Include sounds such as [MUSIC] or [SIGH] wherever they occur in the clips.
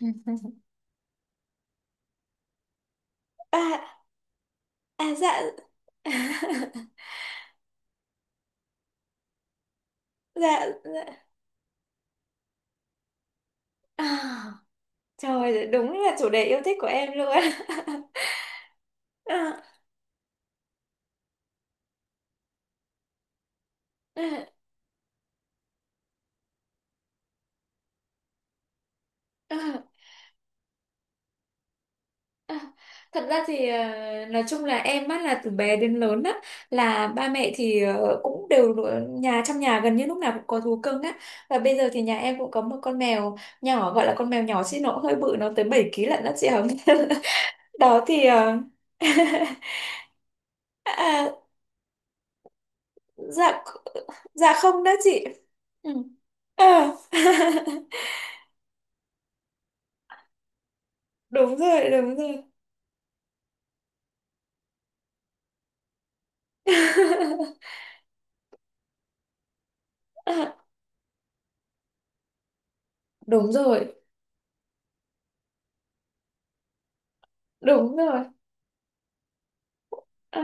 [LAUGHS] à, à, dạ. [LAUGHS] Dạ dạ. à, Trời ơi, đúng là chủ đề yêu thích của em luôn! [LAUGHS] À, à, à, à. Thật ra thì nói chung là em á, là từ bé đến lớn á, là ba mẹ thì cũng đều ở nhà, trong nhà gần như lúc nào cũng có thú cưng á, và bây giờ thì nhà em cũng có một con mèo nhỏ. Gọi là con mèo nhỏ chứ nó cũng hơi bự, nó tới 7 ký lận đó chị Hồng. [LAUGHS] Đó thì [LAUGHS] dạ dạ, không đó chị. Ừ. Ờ. [LAUGHS] Đúng rồi đúng rồi. [LAUGHS] Đúng rồi đúng rồi. Ờ,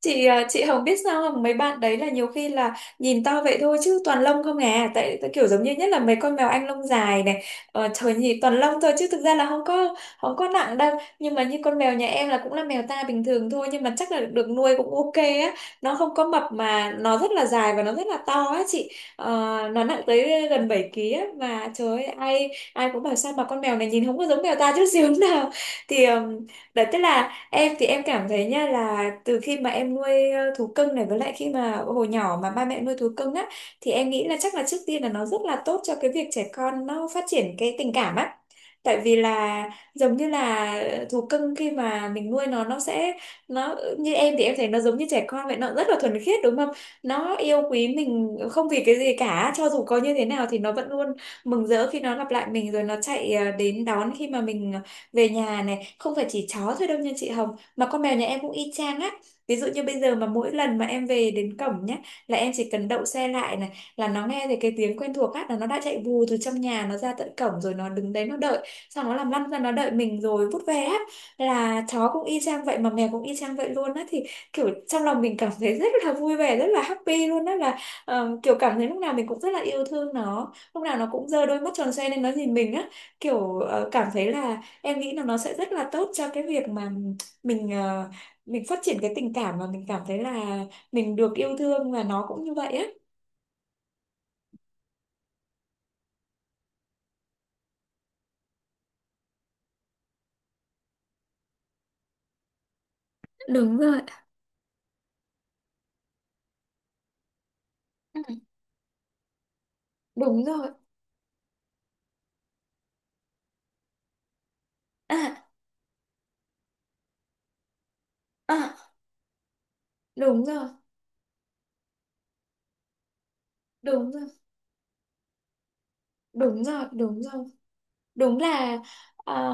chị à, chị Hồng biết sao không, mấy bạn đấy là nhiều khi là nhìn to vậy thôi chứ toàn lông không à, tại tại kiểu giống như, nhất là mấy con mèo Anh lông dài này, ờ, trời, nhìn toàn lông thôi chứ thực ra là không có nặng đâu. Nhưng mà như con mèo nhà em là cũng là mèo ta bình thường thôi, nhưng mà chắc là được nuôi cũng ok á, nó không có mập mà nó rất là dài và nó rất là to á chị. Ờ, nó nặng tới gần 7 ký á, mà trời ơi, ai ai cũng bảo sao mà con mèo này nhìn không có giống mèo ta chút xíu [LAUGHS] nào. Thì đấy, tức là em thì em cảm thấy nha, là từ khi mà em nuôi thú cưng này, với lại khi mà hồi nhỏ mà ba mẹ nuôi thú cưng á, thì em nghĩ là chắc là trước tiên là nó rất là tốt cho cái việc trẻ con nó phát triển cái tình cảm á. Tại vì là giống như là thú cưng khi mà mình nuôi nó sẽ, nó như em thì em thấy nó giống như trẻ con vậy, nó rất là thuần khiết đúng không? Nó yêu quý mình không vì cái gì cả, cho dù có như thế nào thì nó vẫn luôn mừng rỡ khi nó gặp lại mình, rồi nó chạy đến đón khi mà mình về nhà này, không phải chỉ chó thôi đâu nha chị Hồng, mà con mèo nhà em cũng y chang á. Ví dụ như bây giờ mà mỗi lần mà em về đến cổng nhá, là em chỉ cần đậu xe lại này, là nó nghe thấy cái tiếng quen thuộc á, là nó đã chạy vù từ trong nhà nó ra tận cổng, rồi nó đứng đấy nó đợi, xong nó làm lăn ra nó đợi mình rồi vút về á, là chó cũng y chang vậy mà mèo cũng y chang vậy luôn á. Thì kiểu trong lòng mình cảm thấy rất là vui vẻ, rất là happy luôn á, là kiểu cảm thấy lúc nào mình cũng rất là yêu thương nó, lúc nào nó cũng giơ đôi mắt tròn xoe lên nó nhìn mình á, kiểu cảm thấy là em nghĩ là nó sẽ rất là tốt cho cái việc mà mình mình phát triển cái tình cảm, mà mình cảm thấy là mình được yêu thương và nó cũng như vậy á. Đúng rồi. Ừ, đúng rồi. à, à, Đúng rồi đúng rồi. Đúng rồi đúng rồi. Đúng là. à,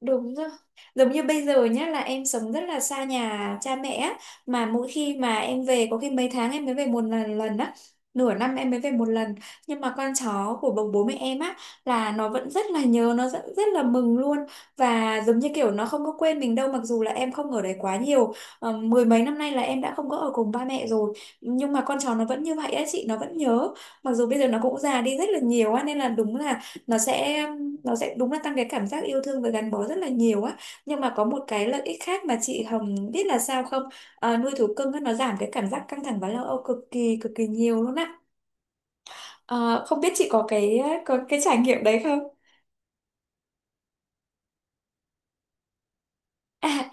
Đúng rồi. Giống như bây giờ nhá, là em sống rất là xa nhà cha mẹ á, mà mỗi khi mà em về có khi mấy tháng em mới về một lần lần á, nửa năm em mới về một lần. Nhưng mà con chó của bố bố mẹ em á, là nó vẫn rất là nhớ, nó rất, rất là mừng luôn. Và giống như kiểu nó không có quên mình đâu, mặc dù là em không ở đấy quá nhiều. Ờ, mười mấy năm nay là em đã không có ở cùng ba mẹ rồi, nhưng mà con chó nó vẫn như vậy á chị, nó vẫn nhớ. Mặc dù bây giờ nó cũng già đi rất là nhiều á, nên là đúng là nó sẽ nó sẽ đúng là tăng cái cảm giác yêu thương và gắn bó rất là nhiều á. Nhưng mà có một cái lợi ích khác mà chị Hồng biết là sao không? Ờ, nuôi thú cưng á, nó giảm cái cảm giác căng thẳng và lo âu cực kỳ nhiều luôn á. Ờ, không biết chị có cái, có cái trải nghiệm đấy không? à,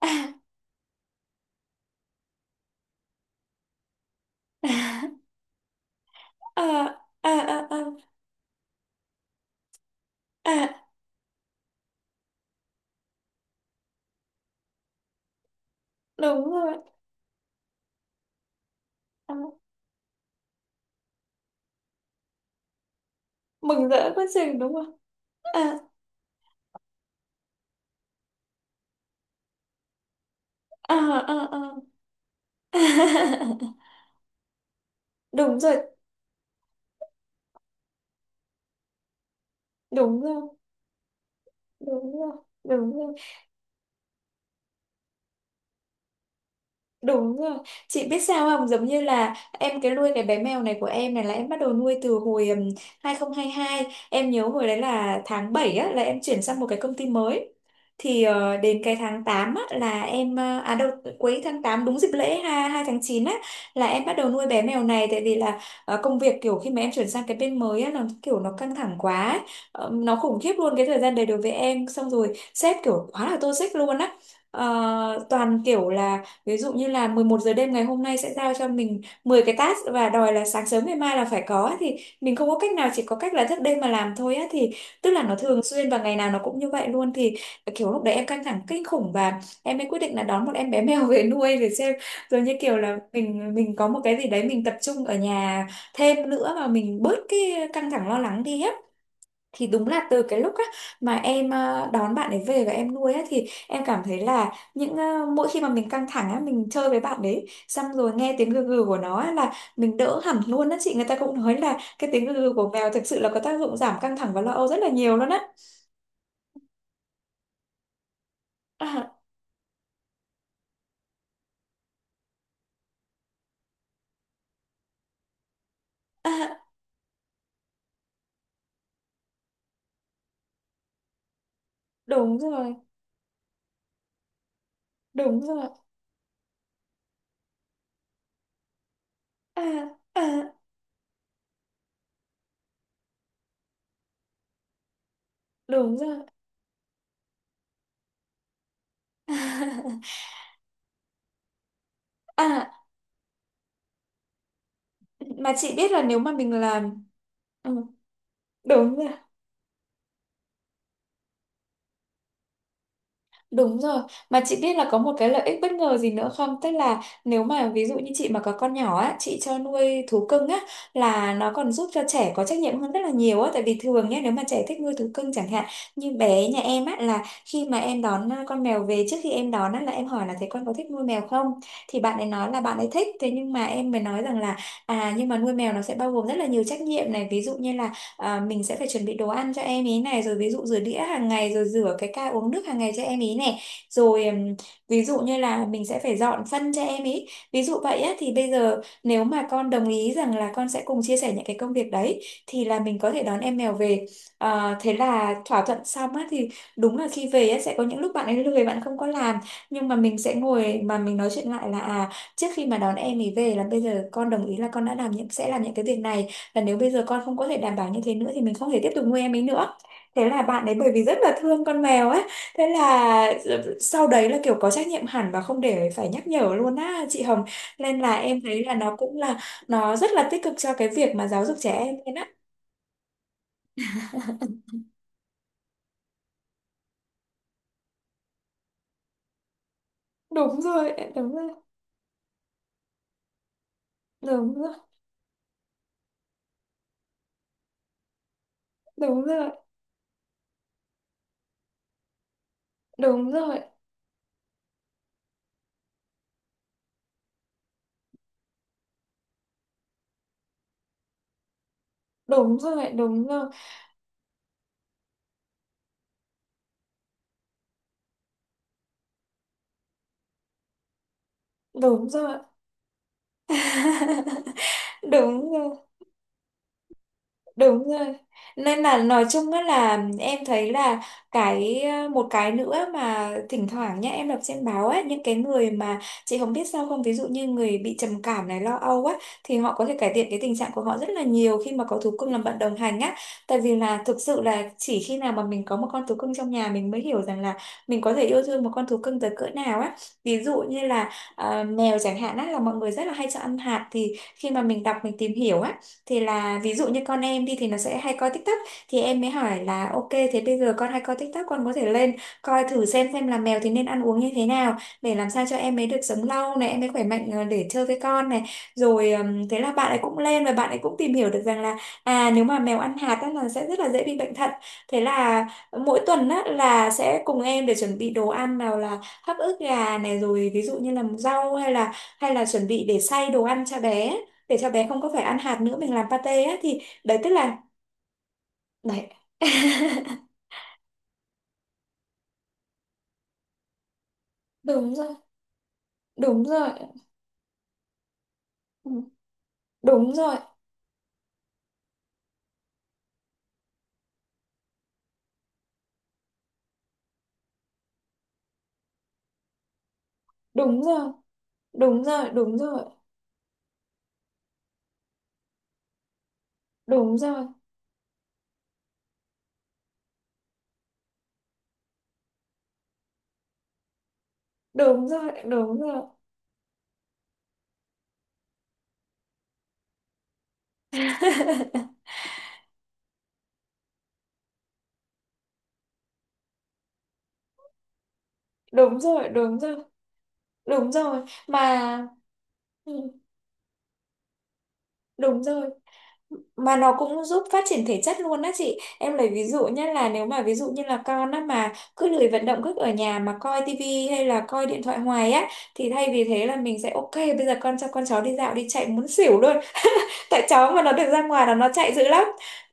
à, à, à, à, à, à, à, Đúng rồi. à, Mừng rỡ quá chừng đúng không? à, à, à, à. [LAUGHS] Đúng rồi đúng rồi. Đúng rồi đúng rồi. Đúng rồi. Chị biết sao không? Giống như là em cái nuôi cái bé mèo này của em này, là em bắt đầu nuôi từ hồi 2022. Em nhớ hồi đấy là tháng 7 á, là em chuyển sang một cái công ty mới. Thì ờ, đến cái tháng 8 á, là em ờ, à đâu, cuối tháng 8 đúng dịp lễ 22/9 á, là em bắt đầu nuôi bé mèo này, tại vì là ờ, công việc kiểu khi mà em chuyển sang cái bên mới á, nó kiểu nó căng thẳng quá ấy. Ờ, nó khủng khiếp luôn cái thời gian đấy đối với em, xong rồi sếp kiểu quá là toxic luôn á. Ờ, toàn kiểu là ví dụ như là 11 giờ đêm ngày hôm nay sẽ giao cho mình 10 cái task và đòi là sáng sớm ngày mai là phải có á, thì mình không có cách nào, chỉ có cách là thức đêm mà làm thôi á. Thì tức là nó thường xuyên và ngày nào nó cũng như vậy luôn. Thì kiểu lúc đấy em căng thẳng kinh khủng và em mới quyết định là đón một em bé [LAUGHS] mèo về nuôi, để xem rồi như kiểu là mình có một cái gì đấy mình tập trung ở nhà thêm nữa và mình bớt cái căng thẳng lo lắng đi á. Thì đúng là từ cái lúc á, mà em đón bạn ấy về và em nuôi á, thì em cảm thấy là những mỗi khi mà mình căng thẳng á, mình chơi với bạn đấy, xong rồi nghe tiếng gừ gừ của nó á, là mình đỡ hẳn luôn á chị. Người ta cũng nói là cái tiếng gừ gừ của mèo thực sự là có tác dụng giảm căng thẳng và lo âu rất là nhiều luôn á. à, à, Đúng rồi đúng rồi. à, à, Đúng rồi. [LAUGHS] à, mà chị biết là nếu mà mình làm, ừ, đúng rồi. Đúng rồi, mà chị biết là có một cái lợi ích bất ngờ gì nữa không? Tức là nếu mà ví dụ như chị mà có con nhỏ á, chị cho nuôi thú cưng á, là nó còn giúp cho trẻ có trách nhiệm hơn rất là nhiều á, tại vì thường nhé, nếu mà trẻ thích nuôi thú cưng chẳng hạn, như bé nhà em á, là khi mà em đón à, con mèo về, trước khi em đón á là em hỏi là thế con có thích nuôi mèo không? Thì bạn ấy nói là bạn ấy thích, thế nhưng mà em mới nói rằng là, à nhưng mà nuôi mèo nó sẽ bao gồm rất là nhiều trách nhiệm này, ví dụ như là à, mình sẽ phải chuẩn bị đồ ăn cho em ý này, rồi ví dụ rửa đĩa hàng ngày, rồi rửa cái ca uống nước hàng ngày cho em ý này, rồi ví dụ như là mình sẽ phải dọn phân cho em ý, ví dụ vậy á. Thì bây giờ nếu mà con đồng ý rằng là con sẽ cùng chia sẻ những cái công việc đấy thì là mình có thể đón em mèo về. Ờ, thế là thỏa thuận xong á. Thì đúng là khi về á sẽ có những lúc bạn ấy lười, bạn không có làm, nhưng mà mình sẽ ngồi mà mình nói chuyện lại là, à, trước khi mà đón em ấy về là bây giờ con đồng ý là con đã làm những sẽ làm những cái việc này, và nếu bây giờ con không có thể đảm bảo như thế nữa thì mình không thể tiếp tục nuôi em ấy nữa. Thế là bạn ấy, bởi vì rất là thương con mèo ấy, thế là sau đấy là kiểu có trách nhiệm hẳn và không để phải nhắc nhở luôn á chị Hồng. Nên là em thấy là nó cũng là, nó rất là tích cực cho cái việc mà giáo dục trẻ em lên á. Đúng rồi đúng rồi. Đúng rồi đúng rồi. Đúng rồi đúng rồi. Đúng rồi đúng rồi. [LAUGHS] Đúng rồi. Đúng rồi. Nên là nói chung á là em thấy là một cái nữa mà thỉnh thoảng nhá em đọc trên báo á, những cái người mà chị không biết sao không, ví dụ như người bị trầm cảm này, lo âu á, thì họ có thể cải thiện cái tình trạng của họ rất là nhiều khi mà có thú cưng làm bạn đồng hành á. Tại vì là thực sự là chỉ khi nào mà mình có một con thú cưng trong nhà mình mới hiểu rằng là mình có thể yêu thương một con thú cưng tới cỡ nào á. Ví dụ như là à, mèo chẳng hạn á, là mọi người rất là hay cho ăn hạt, thì khi mà mình đọc mình tìm hiểu á, thì là ví dụ như con em đi thì nó sẽ hay coi TikTok, thì em mới hỏi là ok thế bây giờ con hay coi TikTok, con có thể lên coi thử xem là mèo thì nên ăn uống như thế nào, để làm sao cho em ấy được sống lâu này, em ấy khỏe mạnh để chơi với con này. Rồi thế là bạn ấy cũng lên và bạn ấy cũng tìm hiểu được rằng là à nếu mà mèo ăn hạt á, là sẽ rất là dễ bị bệnh thận. Thế là mỗi tuần á, là sẽ cùng em để chuẩn bị đồ ăn, nào là hấp ức gà này, rồi ví dụ như là rau, hay là chuẩn bị để xay đồ ăn cho bé, để cho bé không có phải ăn hạt nữa, mình làm pate á, thì đấy tức là đấy. [LAUGHS] Đúng rồi, đúng rồi. Ừ, đúng rồi, đúng rồi, đúng rồi, đúng rồi, đúng rồi, đúng rồi, đúng rồi, đúng rồi, đúng rồi, đúng rồi mà. Ừ, đúng rồi mà nó cũng giúp phát triển thể chất luôn á chị. Em lấy ví dụ nhé, là nếu mà ví dụ như là con á mà cứ lười vận động, cứ ở nhà mà coi tivi hay là coi điện thoại hoài á, thì thay vì thế là mình sẽ ok bây giờ con cho con cháu đi dạo đi, chạy muốn xỉu luôn. Tại cháu mà nó được ra ngoài là nó chạy dữ lắm.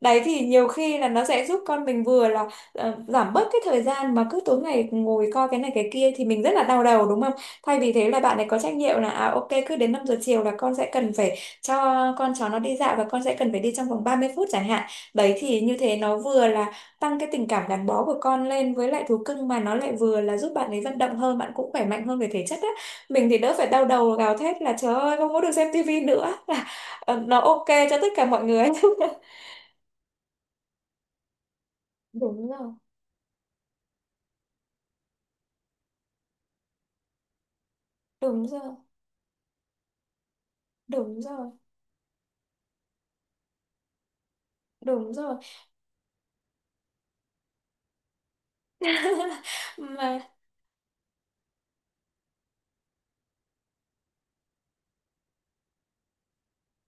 Đấy thì nhiều khi là nó sẽ giúp con mình vừa là giảm bớt cái thời gian mà cứ tối ngày ngồi coi cái này cái kia, thì mình rất là đau đầu đúng không. Thay vì thế là bạn ấy có trách nhiệm là à ok cứ đến 5 giờ chiều là con sẽ cần phải cho con cháu nó đi dạo, và con sẽ cần phải đi trong vòng 30 phút chẳng hạn. Đấy thì như thế nó vừa là tăng cái tình cảm gắn bó của con lên với lại thú cưng, mà nó lại vừa là giúp bạn ấy vận động hơn, bạn cũng khỏe mạnh hơn về thể chất á. Mình thì đỡ phải đau đầu gào thét là trời ơi không có được xem tivi nữa. Nó ok cho tất cả mọi người. [LAUGHS] Đúng rồi, đúng rồi, đúng rồi, đúng rồi. [LAUGHS] Mà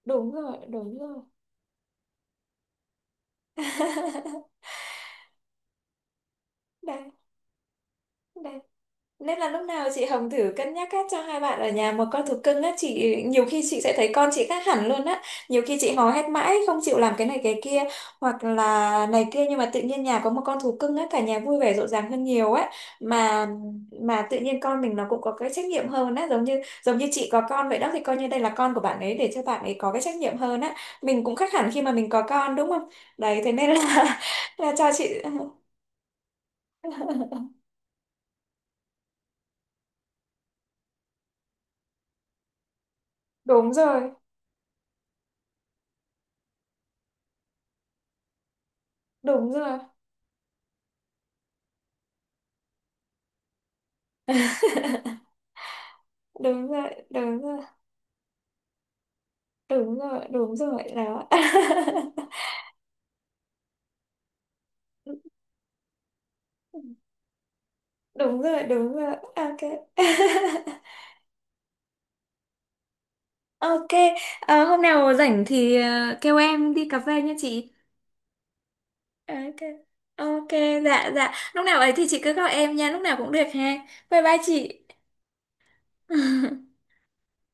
đúng rồi, đúng rồi. [LAUGHS] Đấy, đấy. Nên là lúc nào chị Hồng thử cân nhắc á, cho hai bạn ở nhà một con thú cưng á, chị nhiều khi chị sẽ thấy con chị khác hẳn luôn á. Nhiều khi chị hò hét mãi không chịu làm cái này cái kia, hoặc là này kia, nhưng mà tự nhiên nhà có một con thú cưng á, cả nhà vui vẻ rộn ràng hơn nhiều á. Mà mà tự nhiên con mình nó cũng có cái trách nhiệm hơn á, giống như chị có con vậy đó, thì coi như đây là con của bạn ấy, để cho bạn ấy có cái trách nhiệm hơn á. Mình cũng khác hẳn khi mà mình có con đúng không? Đấy thế nên là [LAUGHS] là cho chị. Đúng rồi, đúng rồi, đúng rồi, đúng rồi. Đúng rồi, đúng rồi đó. [LAUGHS] Đúng rồi, đúng rồi, ok. [LAUGHS] Ok. Hôm nào rảnh thì kêu em đi cà phê nha chị. Ok, ok. Dạ dạ, lúc nào ấy thì chị cứ gọi em nha, lúc nào cũng được ha. Bye bye chị. [LAUGHS]